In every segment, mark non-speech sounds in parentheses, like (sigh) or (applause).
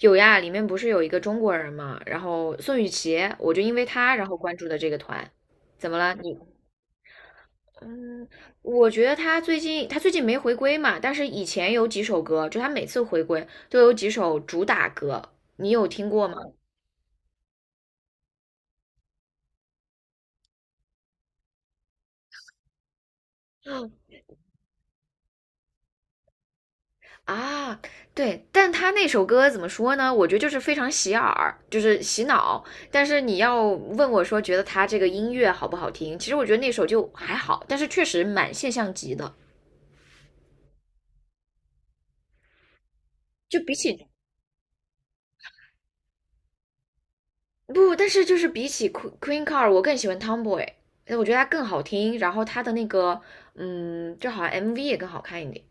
有呀，里面不是有一个中国人嘛，然后宋雨琦，我就因为他然后关注的这个团。怎么了？嗯，我觉得他最近没回归嘛，但是以前有几首歌，就他每次回归都有几首主打歌，你有听过吗？啊，对，但他那首歌怎么说呢？我觉得就是非常洗耳，就是洗脑。但是你要问我说，觉得他这个音乐好不好听？其实我觉得那首就还好，但是确实蛮现象级的。就比起不，但是就是比起 Queen Car，d 我更喜欢 Tomboy，我觉得它更好听，然后它的那个，就好像 MV 也更好看一点。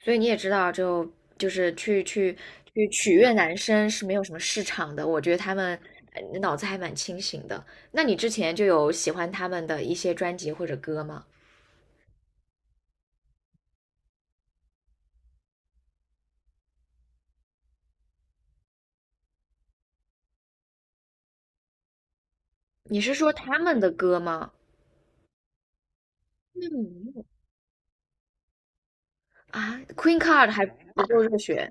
所以你也知道就是去取悦男生是没有什么市场的。我觉得他们脑子还蛮清醒的。那你之前就有喜欢他们的一些专辑或者歌吗？你是说他们的歌吗？嗯啊，Queen Card 还不够热血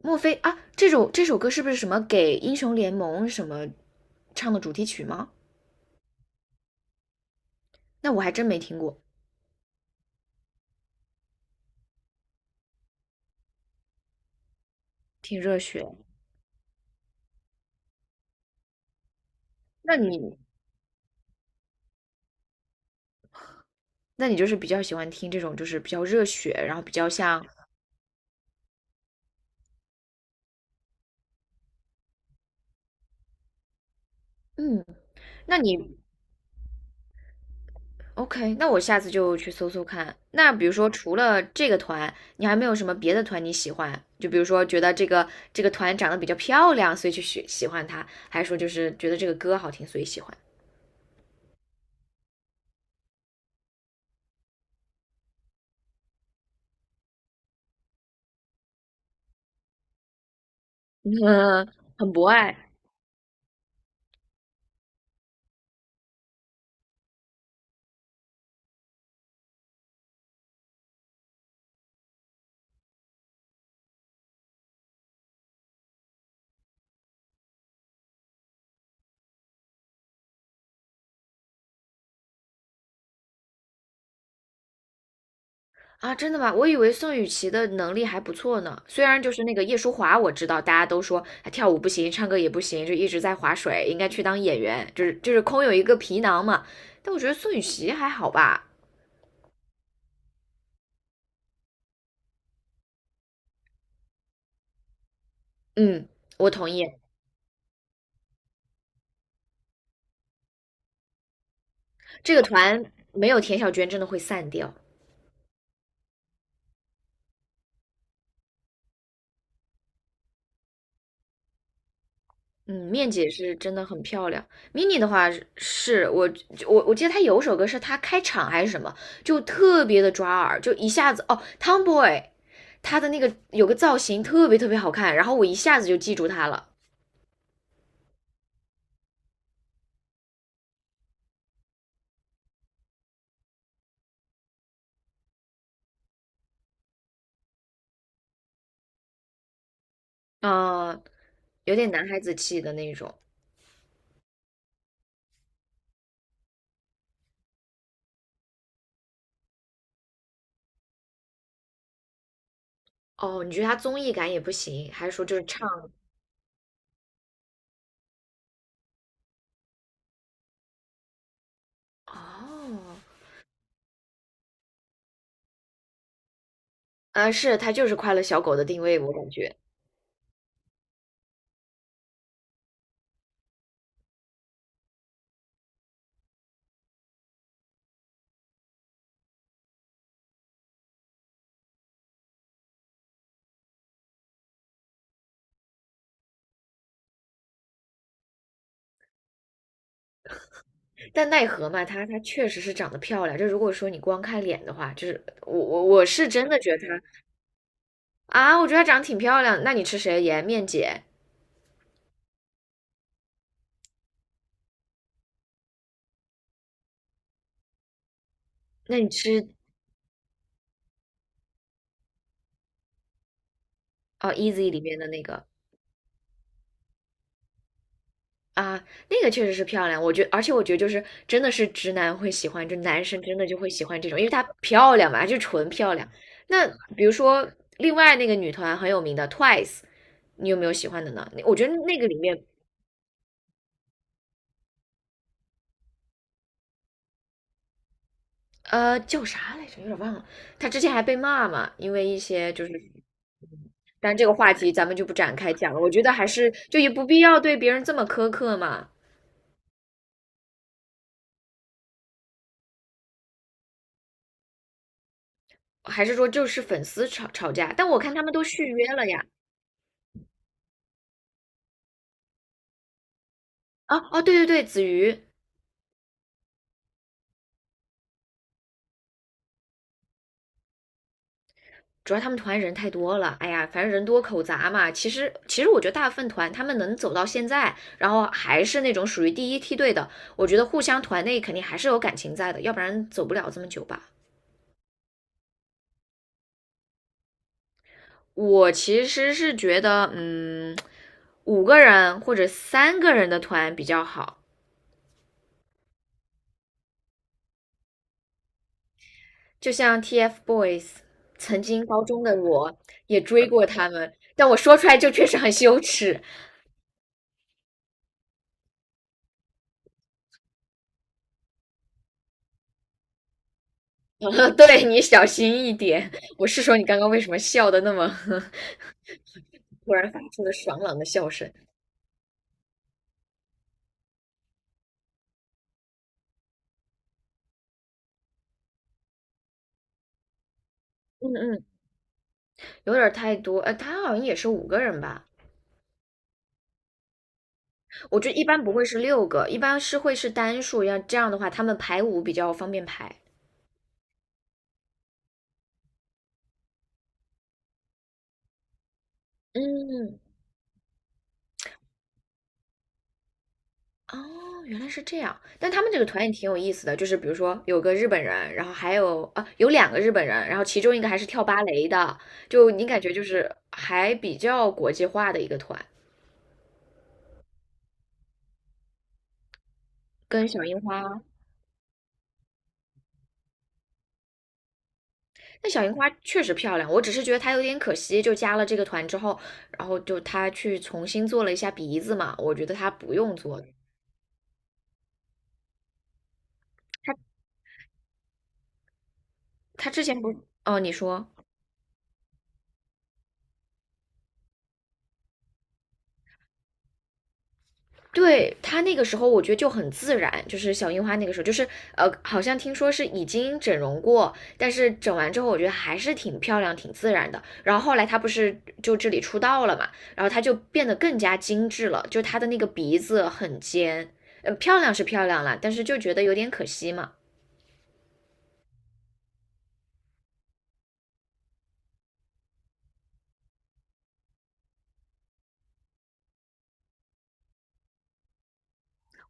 莫非啊，这首歌是不是什么给英雄联盟什么唱的主题曲吗？那我还真没听过，挺热血。那你那你就是比较喜欢听这种就是比较热血，然后比较像嗯，那你 OK，那我下次就去搜搜看。那比如说除了这个团，你还没有什么别的团你喜欢？就比如说觉得这个团长得比较漂亮，所以去喜欢她，还是说就是觉得这个歌好听，所以喜欢？(laughs) 嗯，很博爱。啊，真的吗？我以为宋雨琦的能力还不错呢。虽然就是那个叶舒华，我知道大家都说她跳舞不行，唱歌也不行，就一直在划水，应该去当演员，就是空有一个皮囊嘛。但我觉得宋雨琦还好吧。嗯，我同意，这个团没有田小娟真的会散掉。嗯，面姐是真的很漂亮。Mini 的话是我记得她有首歌是她开场还是什么，就特别的抓耳，就一下子哦，Tomboy，他的那个有个造型特别特别好看，然后我一下子就记住他了。嗯、有点男孩子气的那种。哦，你觉得他综艺感也不行，还是说就是唱？哦，是他就是快乐小狗的定位，我感觉。但奈何嘛，他确实是长得漂亮。就如果说你光看脸的话，就是我是真的觉得他。啊，我觉得她长得挺漂亮。那你吃谁颜面姐？那你吃哦，Easy 里面的那个啊，那个确实是漂亮。而且我觉得就是真的是直男会喜欢，就男生真的就会喜欢这种，因为她漂亮嘛，就纯漂亮。那比如说另外那个女团很有名的 Twice，你有没有喜欢的呢？我觉得那个里面叫啥来着，有点忘了。她之前还被骂嘛，因为一些就是。但这个话题咱们就不展开讲了，我觉得还是就也不必要对别人这么苛刻嘛。还是说就是粉丝吵吵架？但我看他们都续约了呀。啊哦，对对对，子瑜，主要他们团人太多了。哎呀，反正人多口杂嘛。其实我觉得大部分团他们能走到现在，然后还是那种属于第一梯队的，我觉得互相团内肯定还是有感情在的，要不然走不了这么久吧。我其实是觉得，五个人或者三个人的团比较好。就像 TFBOYS，曾经高中的我也追过他们，但我说出来就确实很羞耻。(laughs) 对你小心一点。我是说你刚刚为什么笑的那么 (laughs) 突然发出了爽朗的笑声？嗯嗯，有点太多。他好像也是五个人吧？我这一般不会是六个，一般是会是单数，要这样的话他们排舞比较方便排。嗯，哦，原来是这样。但他们这个团也挺有意思的，就是比如说有个日本人，然后还有两个日本人，然后其中一个还是跳芭蕾的，就你感觉就是还比较国际化的一个团。跟小樱花，那小樱花确实漂亮，我只是觉得她有点可惜，就加了这个团之后，然后就她去重新做了一下鼻子嘛，我觉得她不用做，她之前不是哦，你说。对，她那个时候，我觉得就很自然，就是小樱花那个时候，就是好像听说是已经整容过，但是整完之后，我觉得还是挺漂亮、挺自然的。然后后来她不是就这里出道了嘛，然后她就变得更加精致了，就她的那个鼻子很尖，漂亮是漂亮了，但是就觉得有点可惜嘛。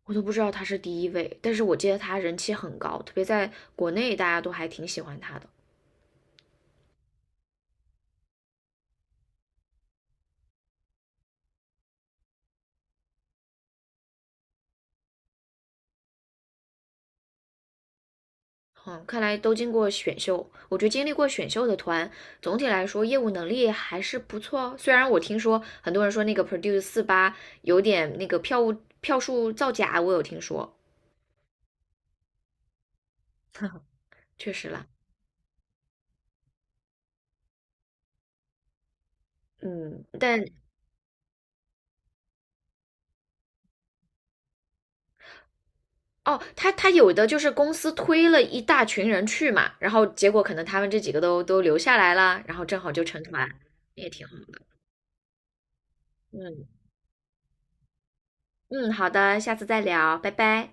我都不知道她是第一位，但是我记得她人气很高，特别在国内大家都还挺喜欢她的。嗯，看来都经过选秀。我觉得经历过选秀的团，总体来说业务能力还是不错哦。虽然我听说很多人说那个 Produce 四八有点那个票务票数造假，我有听说 (laughs)，确实啦。嗯，但哦，他有的就是公司推了一大群人去嘛，然后结果可能他们这几个都留下来了，然后正好就成团，也挺好的。嗯嗯，好的，下次再聊，拜拜。